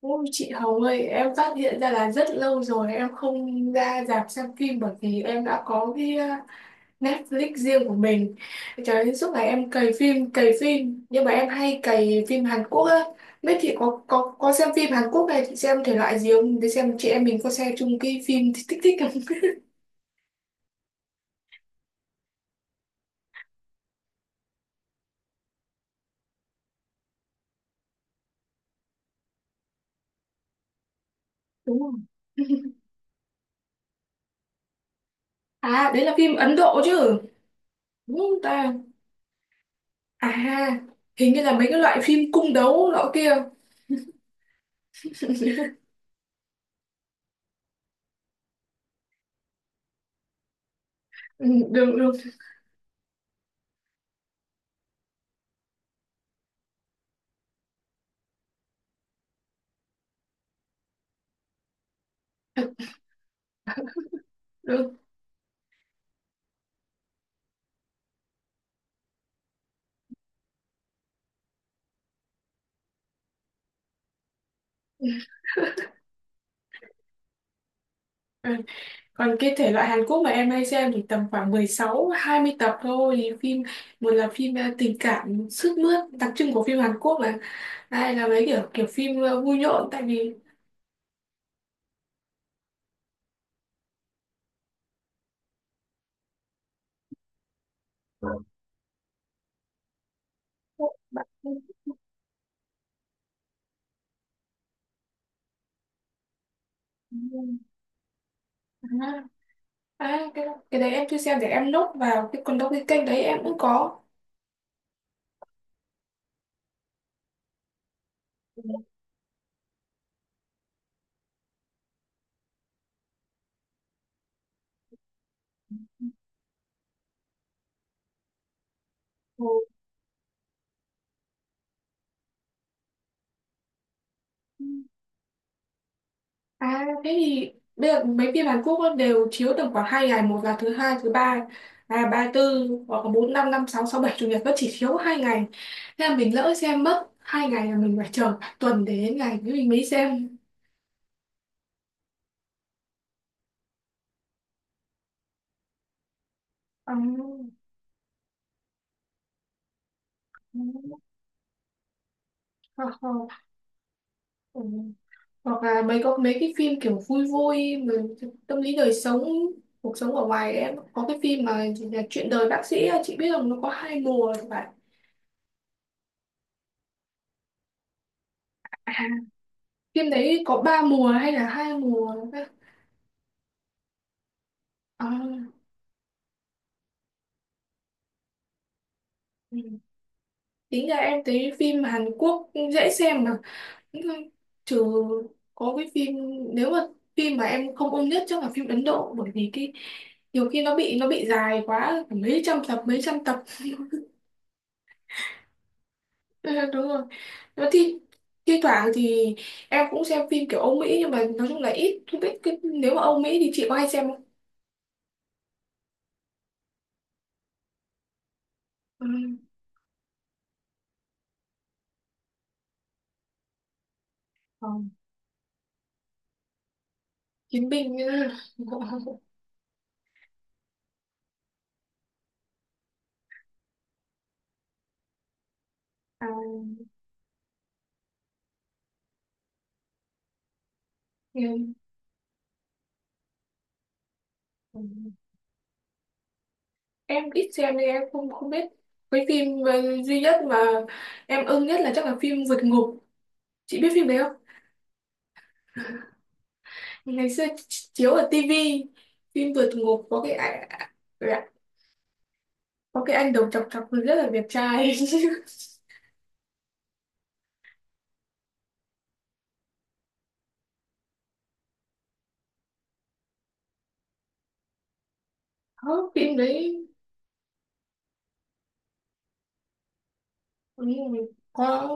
Ôi chị Hồng ơi, em phát hiện ra là rất lâu rồi em không ra rạp xem phim bởi vì em đã có cái Netflix riêng của mình. Trời ơi, suốt ngày em cày phim, cày phim. Nhưng mà em hay cày phim Hàn Quốc á. Biết chị có xem phim Hàn Quốc này, chị xem thể loại gì không? Để xem chị em mình có xem chung cái phim thích thích thích không? Đúng không? À, đấy là phim Ấn Độ chứ. Đúng không ta? À, hình như là mấy cái loại phim cung đấu nọ kia. Ừ, đúng, đúng. Còn cái thể loại Hàn Quốc mà em hay xem thì tầm khoảng 16 20 tập thôi. Phim một là phim tình cảm sướt mướt, đặc trưng của phim Hàn Quốc là hai là mấy kiểu kiểu phim vui nhộn tại vì bạn à. À, cái đấy em chưa xem, để em nốt vào. Cái còn đâu cái kênh đấy em cũng có. Ừ. À thế thì bây giờ mấy phim Hàn Quốc ấy đều chiếu tầm khoảng hai ngày, một là thứ hai thứ ba à ba tư, hoặc là bốn năm năm sáu sáu bảy chủ nhật, nó chỉ chiếu hai ngày. Thế là mình lỡ xem mất hai ngày là mình phải chờ cả tuần để đến ngày thì mình mới xem. À, ừ, hoặc là ừ, hoặc là mấy, có mấy cái phim kiểu vui vui mà tâm lý đời sống, cuộc sống ở ngoài. Em có cái phim mà gì là chuyện đời bác sĩ, chị biết không, nó có hai mùa các bạn. À, phim đấy có ba mùa hay là hai mùa? À, ừ. Tính ra em thấy phim Hàn Quốc dễ xem. Mà nhưng trừ có cái phim, nếu mà phim mà em không ưng nhất chắc là phim Ấn Độ, bởi vì cái nhiều khi nó bị dài quá, phải mấy trăm tập mấy trăm tập. Ừ, đúng rồi. Nó thi thi thoảng thì em cũng xem phim kiểu Âu Mỹ, nhưng mà nói chung là ít. Không biết cái, nếu mà Âu Mỹ thì chị có hay xem không? Ừ. Còn Chiến binh nữa. À, ừ. Em ít xem nên em không không biết. Cái phim duy nhất mà em ưng nhất là chắc là phim vượt ngục, chị biết phim đấy không? Ngày xưa chiếu ở tivi, phim vượt ngục có có cái anh đầu chọc chọc rất là đẹp trai. Có phim đấy đúng rồi. Có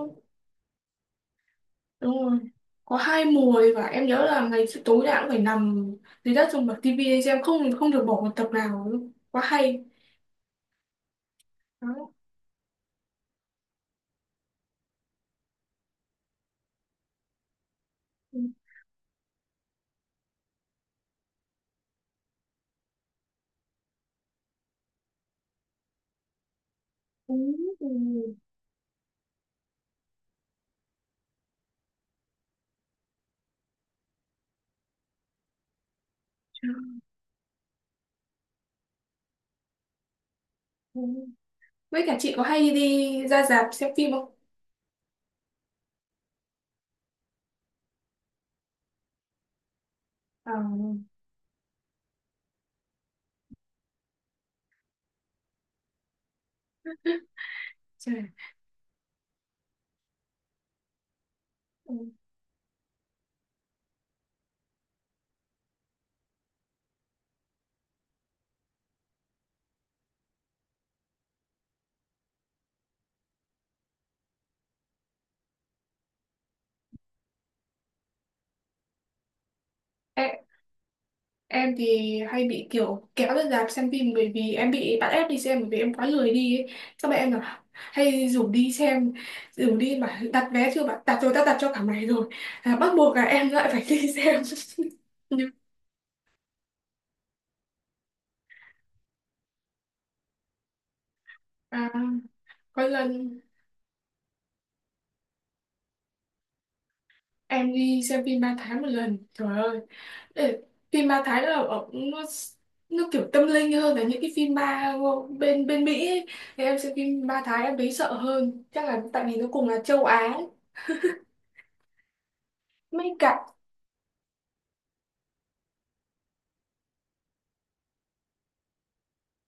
đúng rồi, có hai mùa ấy, và em nhớ là ngày xưa tối nào cũng phải nằm dưới đất, dùng bật tivi để xem, không không được bỏ một tập nào luôn, quá hay đó. Ừ. Ừ. Ừ. Với cả chị có hay đi ra rạp xem phim không? À, trời. Ừ. Em, em thì hay bị kiểu kéo ra rạp xem phim bởi vì em bị bắt ép đi xem bởi vì em quá lười đi ấy. Xong mẹ em là hay rủ đi xem, rủ đi mà đặt vé chưa bạn, đặt rồi ta đặt cho cả ngày rồi. À, bắt buộc là em lại phải đi xem. Nhưng à, có lần em đi xem phim 3 tháng một lần. Trời ơi. Ê, phim ma Thái là ở nó kiểu tâm linh hơn là những cái phim ma bên bên Mỹ ấy. Thì em xem phim ma Thái em thấy sợ hơn, chắc là tại vì nó cùng là châu Á ấy. Mấy cả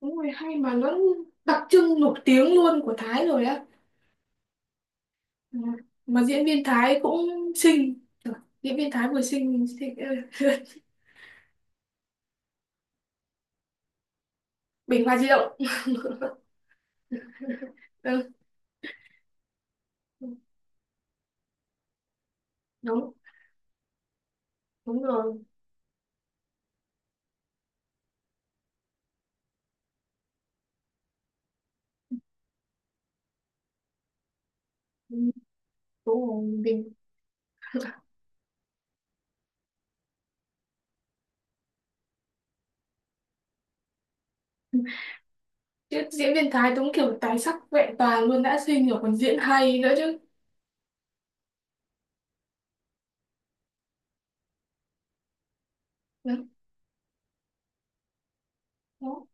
đúng rồi, hay. Mà nó đặc trưng nổi tiếng luôn của Thái rồi á. Ừ. Mà diễn viên Thái cũng xinh. Trời, diễn viên Thái vừa xinh, xinh. Ê, Bình Hoa Di Động. Ừ, đúng đúng rồi. Ừ, đúng rồi mình. Chứ diễn viên Thái đúng kiểu tài sắc vẹn toàn luôn, đã xinh rồi còn diễn hay nữa chứ. Ừ. Đó.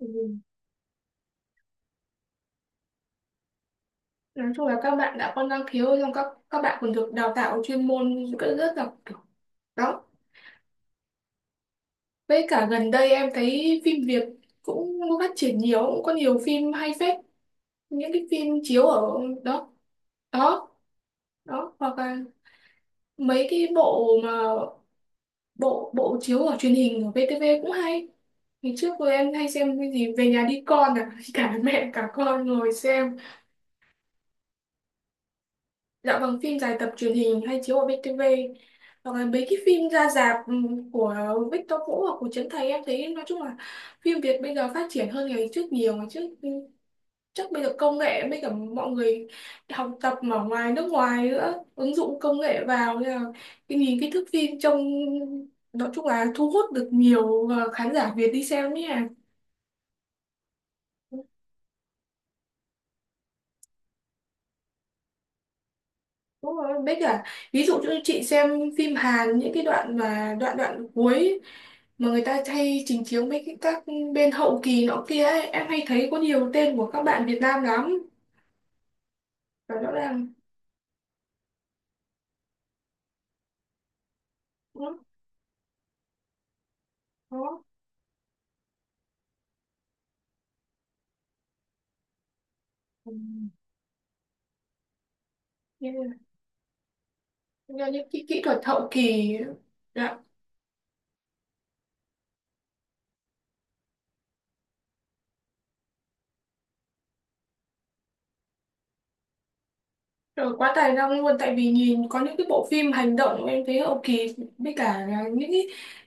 Ừ. Nói chung là các bạn đã có năng khiếu, xong các bạn còn được đào tạo chuyên môn rất rất là kiểu đó. Với cả gần đây em thấy phim Việt cũng phát triển nhiều, cũng có nhiều phim hay phết, những cái phim chiếu ở đó đó đó, hoặc là mấy cái bộ mà bộ bộ chiếu ở truyền hình ở VTV cũng hay. Ngày trước cô em hay xem cái gì về nhà đi con à cả mẹ cả con ngồi xem. Dạ vâng, phim dài tập truyền hình hay chiếu ở VTV, hoặc là mấy cái phim ra rạp của Victor Vũ hoặc của Trấn Thành. Em thấy nói chung là phim Việt bây giờ phát triển hơn ngày trước nhiều. Ngày trước chắc bây giờ công nghệ với cả mọi người học tập ở ngoài nước ngoài nữa, ứng dụng công nghệ vào nên là cái nhìn cái thước phim trông nói chung là thu hút được nhiều khán giả Việt đi xem nhé. Đúng rồi, với cả ví dụ như chị xem phim Hàn những cái đoạn mà đoạn đoạn cuối mà người ta hay trình chiếu mấy cái các bên hậu kỳ nọ kia ấy, em hay thấy có nhiều tên của các bạn Việt Nam lắm và rõ ràng đó, đó. Ừ. Nên là do những cái kỹ thuật hậu kỳ. Rồi quá tài năng luôn, tại vì nhìn có những cái bộ phim hành động em thấy hậu kỳ với cả là những cái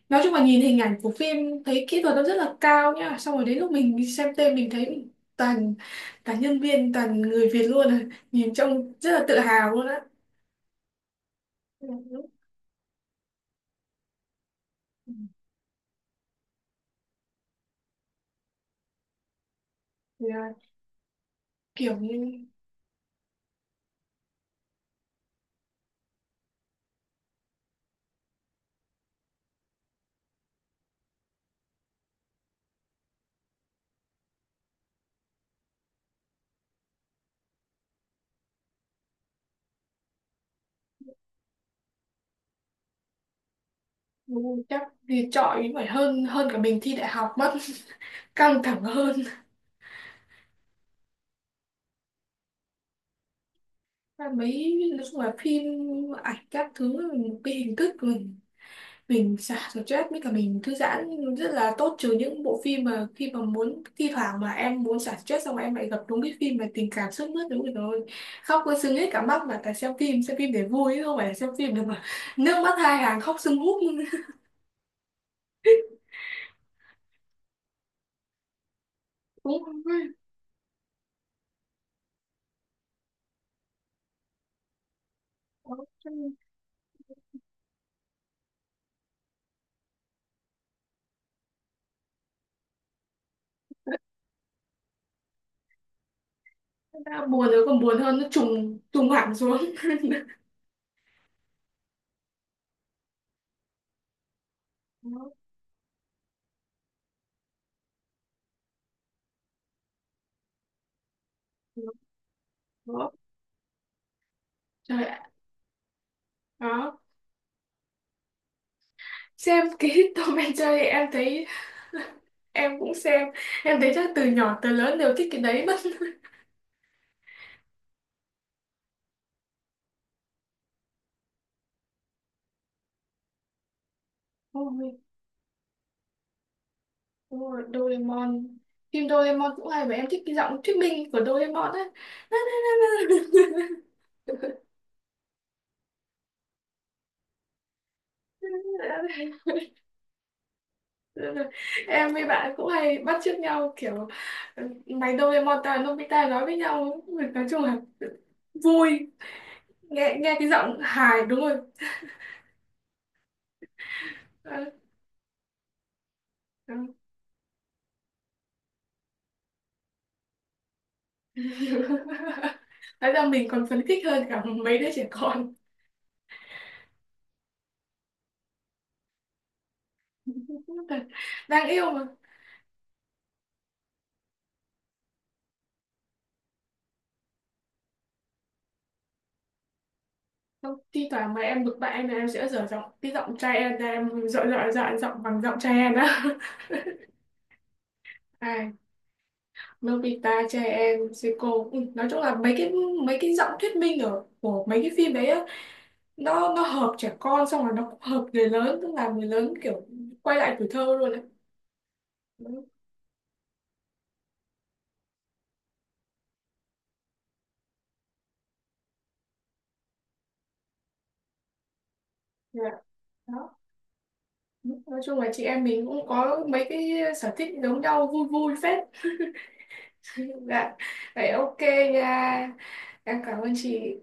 nói chung là nhìn hình ảnh của phim thấy kỹ thuật nó rất là cao nhá, xong rồi đến lúc mình đi xem tên mình thấy toàn toàn nhân viên toàn người Việt luôn à, nhìn trông rất là tự hào luôn á. Ừ. Đúng. Ừ. Thì là kiểu như ừ, chắc thì chọi phải hơn hơn cả mình thi đại học mất. Căng thẳng hơn. Và mấy nói chung là phim ảnh các thứ một cái hình thức của mình xả stress với cả mình thư giãn rất là tốt, trừ những bộ phim mà khi mà muốn thi thoảng mà em muốn xả stress xong em lại gặp đúng cái phim mà tình cảm sướt mướt đúng rồi, khóc có sưng hết cả mắt. Mà tại xem phim, xem phim để vui chứ không phải là xem phim để mà nước mắt hai hàng khóc sưng húp. Đã buồn rồi còn buồn hơn, nó trùng trùng hẳn xuống. Đó, đó, đó. Trời ạ, đó. Xem cái Tom and Jerry em thấy em cũng xem, em thấy chắc từ nhỏ tới lớn đều thích cái đấy mất. Ôi, đúng rồi, Doraemon. Phim Doraemon cũng hay, và em thích cái giọng thuyết minh của Doraemon á. Em với bạn cũng hay bắt chước nhau kiểu ừ, mày Doraemon tao là Nobita, nói với nhau. Nói chung là vui, nghe nghe cái giọng hài đúng rồi. Ờ, ờ. Nói ra mình còn phấn khích hơn cả mấy đứa trẻ con. Đang yêu mà. Không, thi thoảng mà em bực bại là em sẽ dở giọng cái giọng trai em ra, em dọa dọa dọa giọng bằng giọng trai em á. Ai Nobita trai em Seiko. Ừ, nói chung là mấy cái giọng thuyết minh ở của mấy cái phim đấy á, nó hợp trẻ con xong rồi nó cũng hợp người lớn, tức là người lớn kiểu quay lại tuổi thơ luôn á. Đúng, dạ, đó, nói chung là chị em mình cũng có mấy cái sở thích giống nhau, vui vui phết. Dạ vậy ok nha, em cảm ơn chị.